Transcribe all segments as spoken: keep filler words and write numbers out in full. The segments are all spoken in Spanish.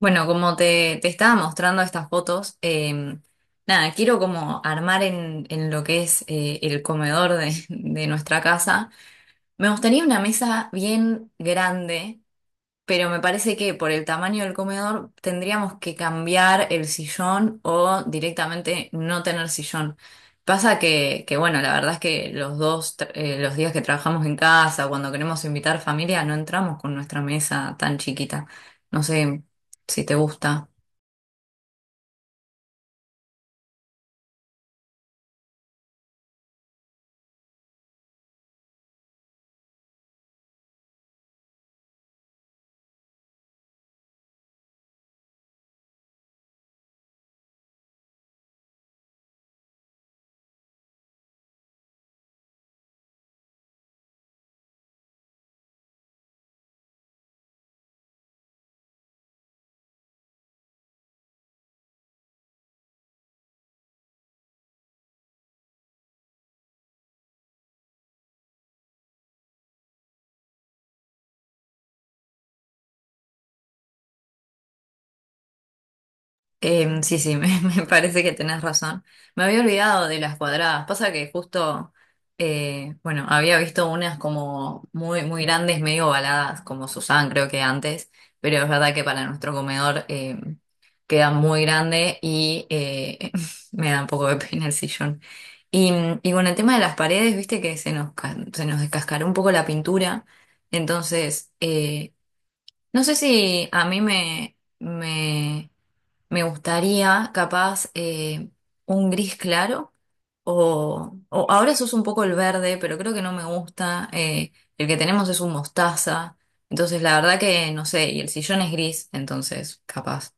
Bueno, como te, te estaba mostrando estas fotos, eh, nada, quiero como armar en, en lo que es eh, el comedor de, de nuestra casa. Me gustaría una mesa bien grande, pero me parece que por el tamaño del comedor tendríamos que cambiar el sillón o directamente no tener sillón. Pasa que, que bueno, la verdad es que los dos, tra- eh, los días que trabajamos en casa, cuando queremos invitar familia, no entramos con nuestra mesa tan chiquita. No sé si te gusta. Em, sí, sí, me, me parece que tenés razón. Me había olvidado de las cuadradas. Pasa que justo, eh, bueno, había visto unas como muy, muy grandes, medio ovaladas, como Susan creo que antes, pero es verdad que para nuestro comedor em, queda muy grande y eh, me da un poco de pena el sillón. Y, y con el tema de las paredes, viste que se nos, ca- se nos descascaró un poco la pintura. Entonces, eh, no sé si a mí me... me me gustaría, capaz, eh, un gris claro o, o ahora se usa un poco el verde, pero creo que no me gusta. Eh, el que tenemos es un mostaza. Entonces, la verdad que no sé, y el sillón es gris, entonces, capaz.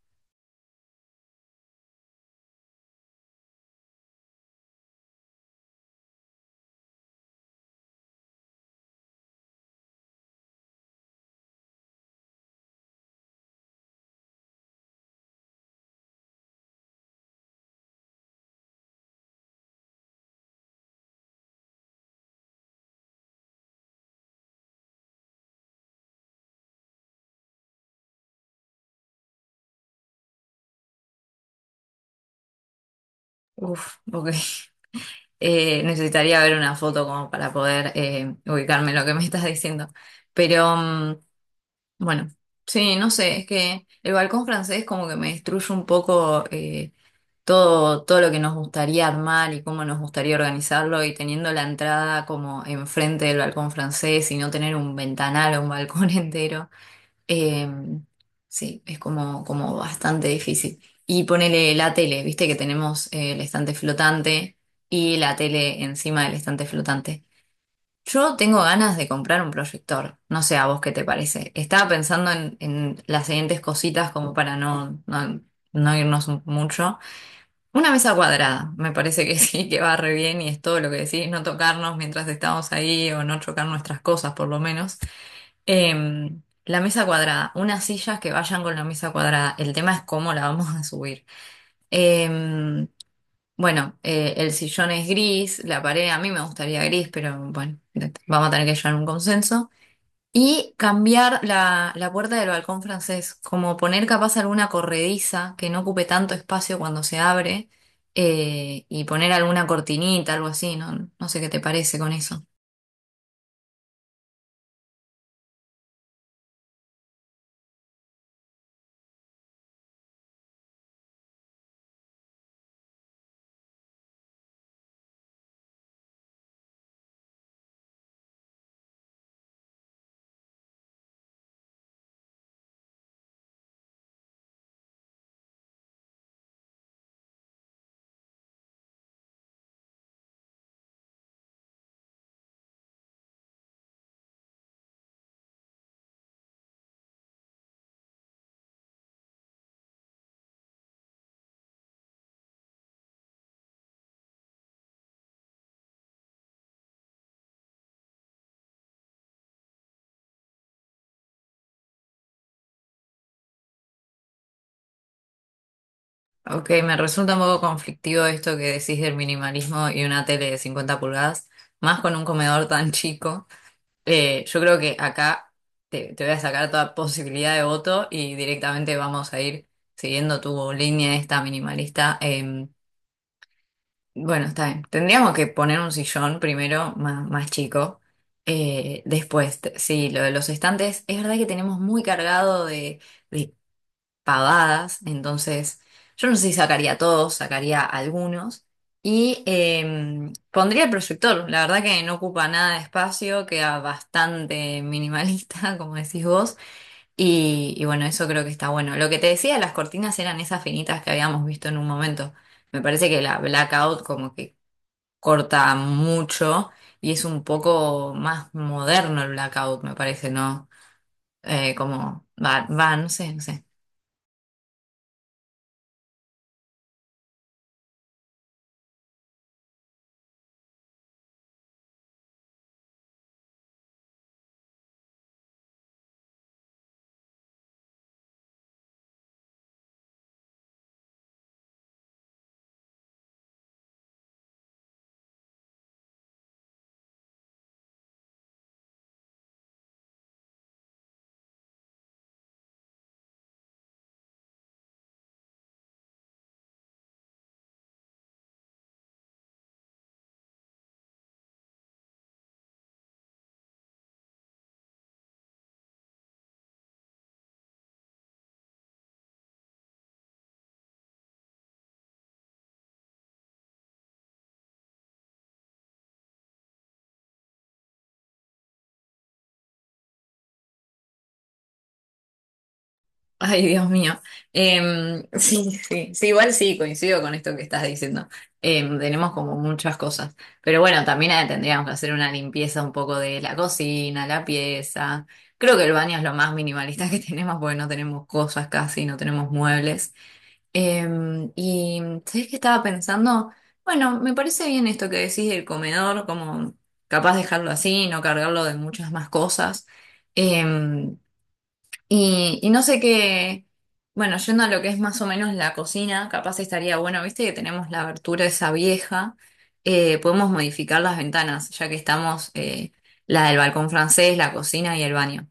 Uf, ok. Eh, necesitaría ver una foto como para poder eh, ubicarme en lo que me estás diciendo. Pero, mm, bueno, sí, no sé, es que el balcón francés como que me destruye un poco. Eh, todo, todo lo que nos gustaría armar y cómo nos gustaría organizarlo y teniendo la entrada como enfrente del balcón francés y no tener un ventanal o un balcón entero. Eh, sí, es como, como bastante difícil. Y ponele la tele, viste que tenemos eh, el estante flotante y la tele encima del estante flotante. Yo tengo ganas de comprar un proyector, no sé a vos qué te parece. Estaba pensando en, en las siguientes cositas como para no, no, no irnos mucho. Una mesa cuadrada, me parece que sí, que va re bien y es todo lo que decís, no tocarnos mientras estamos ahí o no chocar nuestras cosas por lo menos. Eh, la mesa cuadrada, unas sillas que vayan con la mesa cuadrada, el tema es cómo la vamos a subir. Eh, bueno, eh, el sillón es gris, la pared a mí me gustaría gris, pero bueno, vamos a tener que llegar a un consenso. Y cambiar la, la puerta del balcón francés, como poner capaz alguna corrediza que no ocupe tanto espacio cuando se abre, eh, y poner alguna cortinita, algo así, ¿no? No sé qué te parece con eso. Ok, me resulta un poco conflictivo esto que decís del minimalismo y una tele de cincuenta pulgadas, más con un comedor tan chico. Eh, yo creo que acá te, te voy a sacar toda posibilidad de voto y directamente vamos a ir siguiendo tu línea esta minimalista. em, Bueno, está bien. Tendríamos que poner un sillón primero, más, más chico. Eh, después, t- sí, lo de los estantes, es verdad que tenemos muy cargado de, de pavadas, entonces yo no sé si sacaría todos, sacaría algunos. Y em, pondría el proyector, la verdad que no ocupa nada de espacio, queda bastante minimalista, como decís vos. Y, y bueno, eso creo que está bueno. Lo que te decía, las cortinas eran esas finitas que habíamos visto en un momento. Me parece que la blackout como que corta mucho y es un poco más moderno el blackout, me parece, ¿no? Eh, como va, va, no sé, no sé. Ay, Dios mío. Em, sí, sí, sí, igual sí, coincido con esto que estás diciendo. Em, tenemos como muchas cosas. Pero bueno, también eh, tendríamos que hacer una limpieza un poco de la cocina, la pieza. Creo que el baño es lo más minimalista que tenemos porque no tenemos cosas casi, no tenemos muebles. Em, y sabés que estaba pensando, bueno, me parece bien esto que decís del comedor, como capaz dejarlo así, no cargarlo de muchas más cosas. Em, y, y no sé qué, bueno, yendo a lo que es más o menos la cocina, capaz estaría bueno, viste que tenemos la abertura esa vieja, eh, podemos modificar las ventanas, ya que estamos eh, la del balcón francés, la cocina y el baño.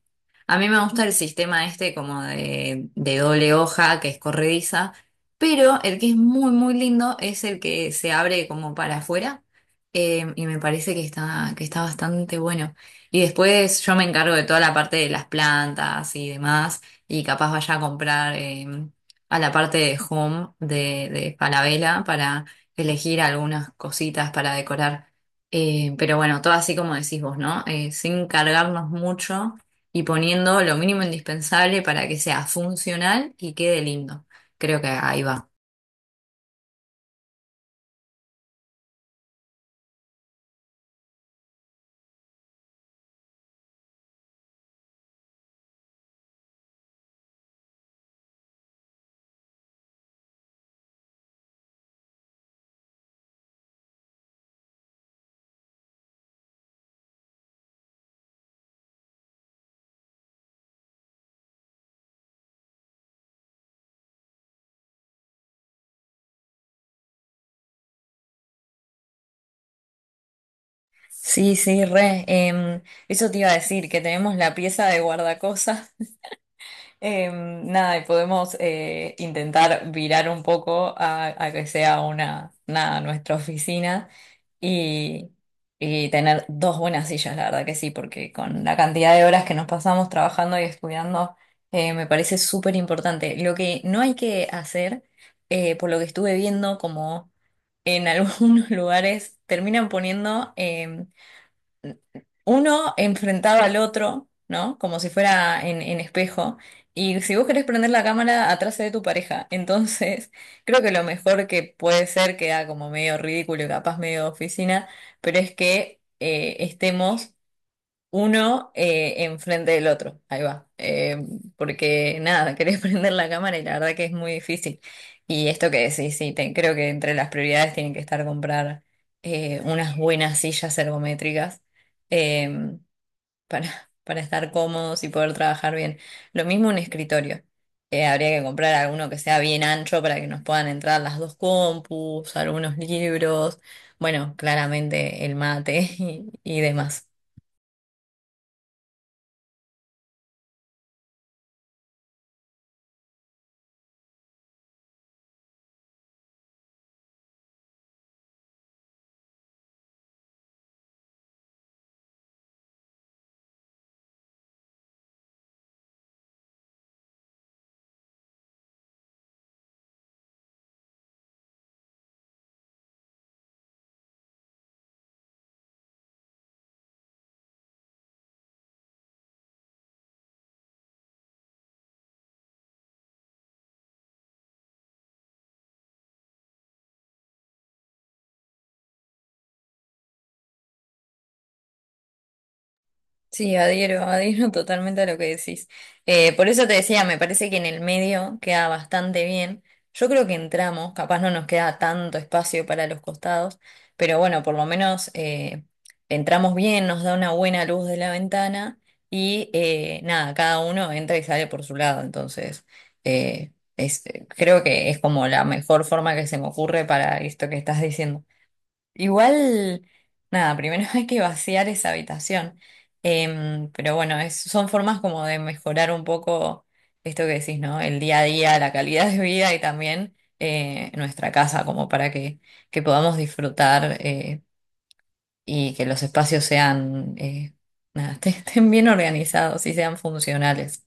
A mí me gusta el sistema este como de, de doble hoja, que es corrediza, pero el que es muy, muy lindo es el que se abre como para afuera, eh, y me parece que está, que está bastante bueno. Y después yo me encargo de toda la parte de las plantas y demás, y capaz vaya a comprar eh, a la parte de home de, de Falabella para elegir algunas cositas para decorar. Eh, pero bueno, todo así como decís vos, ¿no? Eh, sin cargarnos mucho y poniendo lo mínimo indispensable para que sea funcional y quede lindo. Creo que ahí va. Sí, sí, re. Em, eso te iba a decir, que tenemos la pieza de guardacosas. Eh, nada, y podemos eh, intentar virar un poco a, a que sea una, nada, nuestra oficina y, y tener dos buenas sillas, la verdad que sí, porque con la cantidad de horas que nos pasamos trabajando y estudiando, eh, me parece súper importante. Lo que no hay que hacer, eh, por lo que estuve viendo, como en algunos lugares terminan poniendo em, uno enfrentaba al otro, ¿no? Como si fuera en, en espejo. Y si vos querés prender la cámara, atrás se ve tu pareja. Entonces, creo que lo mejor que puede ser, queda como medio ridículo y capaz medio de oficina, pero es que eh, estemos uno eh, enfrente del otro. Ahí va. Eh, porque nada, querés prender la cámara y la verdad que es muy difícil. Y esto que decís, sí, te- creo que entre las prioridades tienen que estar comprar eh, unas buenas sillas ergométricas. Em, para, para estar cómodos y poder trabajar bien. Lo mismo un escritorio. Eh, habría que comprar alguno que sea bien ancho para que nos puedan entrar las dos compus, algunos libros, bueno, claramente el mate y, y demás. Sí, adhiero, adhiero totalmente a lo que decís. Eh, por eso te decía, me parece que en el medio queda bastante bien. Yo creo que entramos, capaz no nos queda tanto espacio para los costados, pero bueno, por lo menos eh, entramos bien, nos da una buena luz de la ventana y eh, nada, cada uno entra y sale por su lado. Entonces, eh, es- creo que es como la mejor forma que se me ocurre para esto que estás diciendo. Igual, nada, primero hay que vaciar esa habitación. Em, pero bueno, es- son formas como de mejorar un poco esto que decís, ¿no? El día a día, la calidad de vida y también eh, nuestra casa, como para que, que podamos disfrutar eh, y que los espacios sean, eh, nada, estén bien organizados y sean funcionales.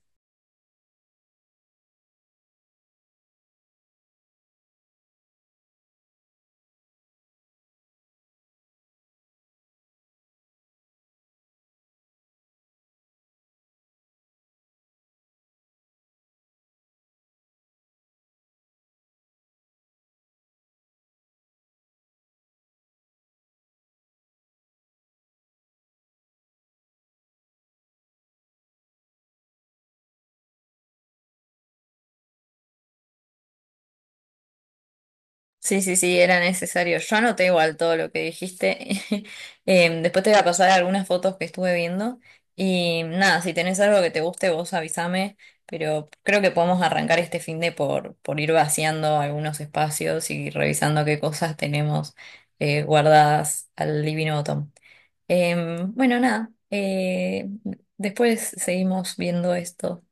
Sí, sí, sí, era necesario. Yo anoté igual todo lo que dijiste. Em, después te voy a pasar algunas fotos que estuve viendo. Y nada, si tenés algo que te guste, vos avísame. Pero creo que podemos arrancar este fin de por, por ir vaciando algunos espacios y revisando qué cosas tenemos eh, guardadas al Divino Botón. Em, bueno, nada. Eh, después seguimos viendo esto.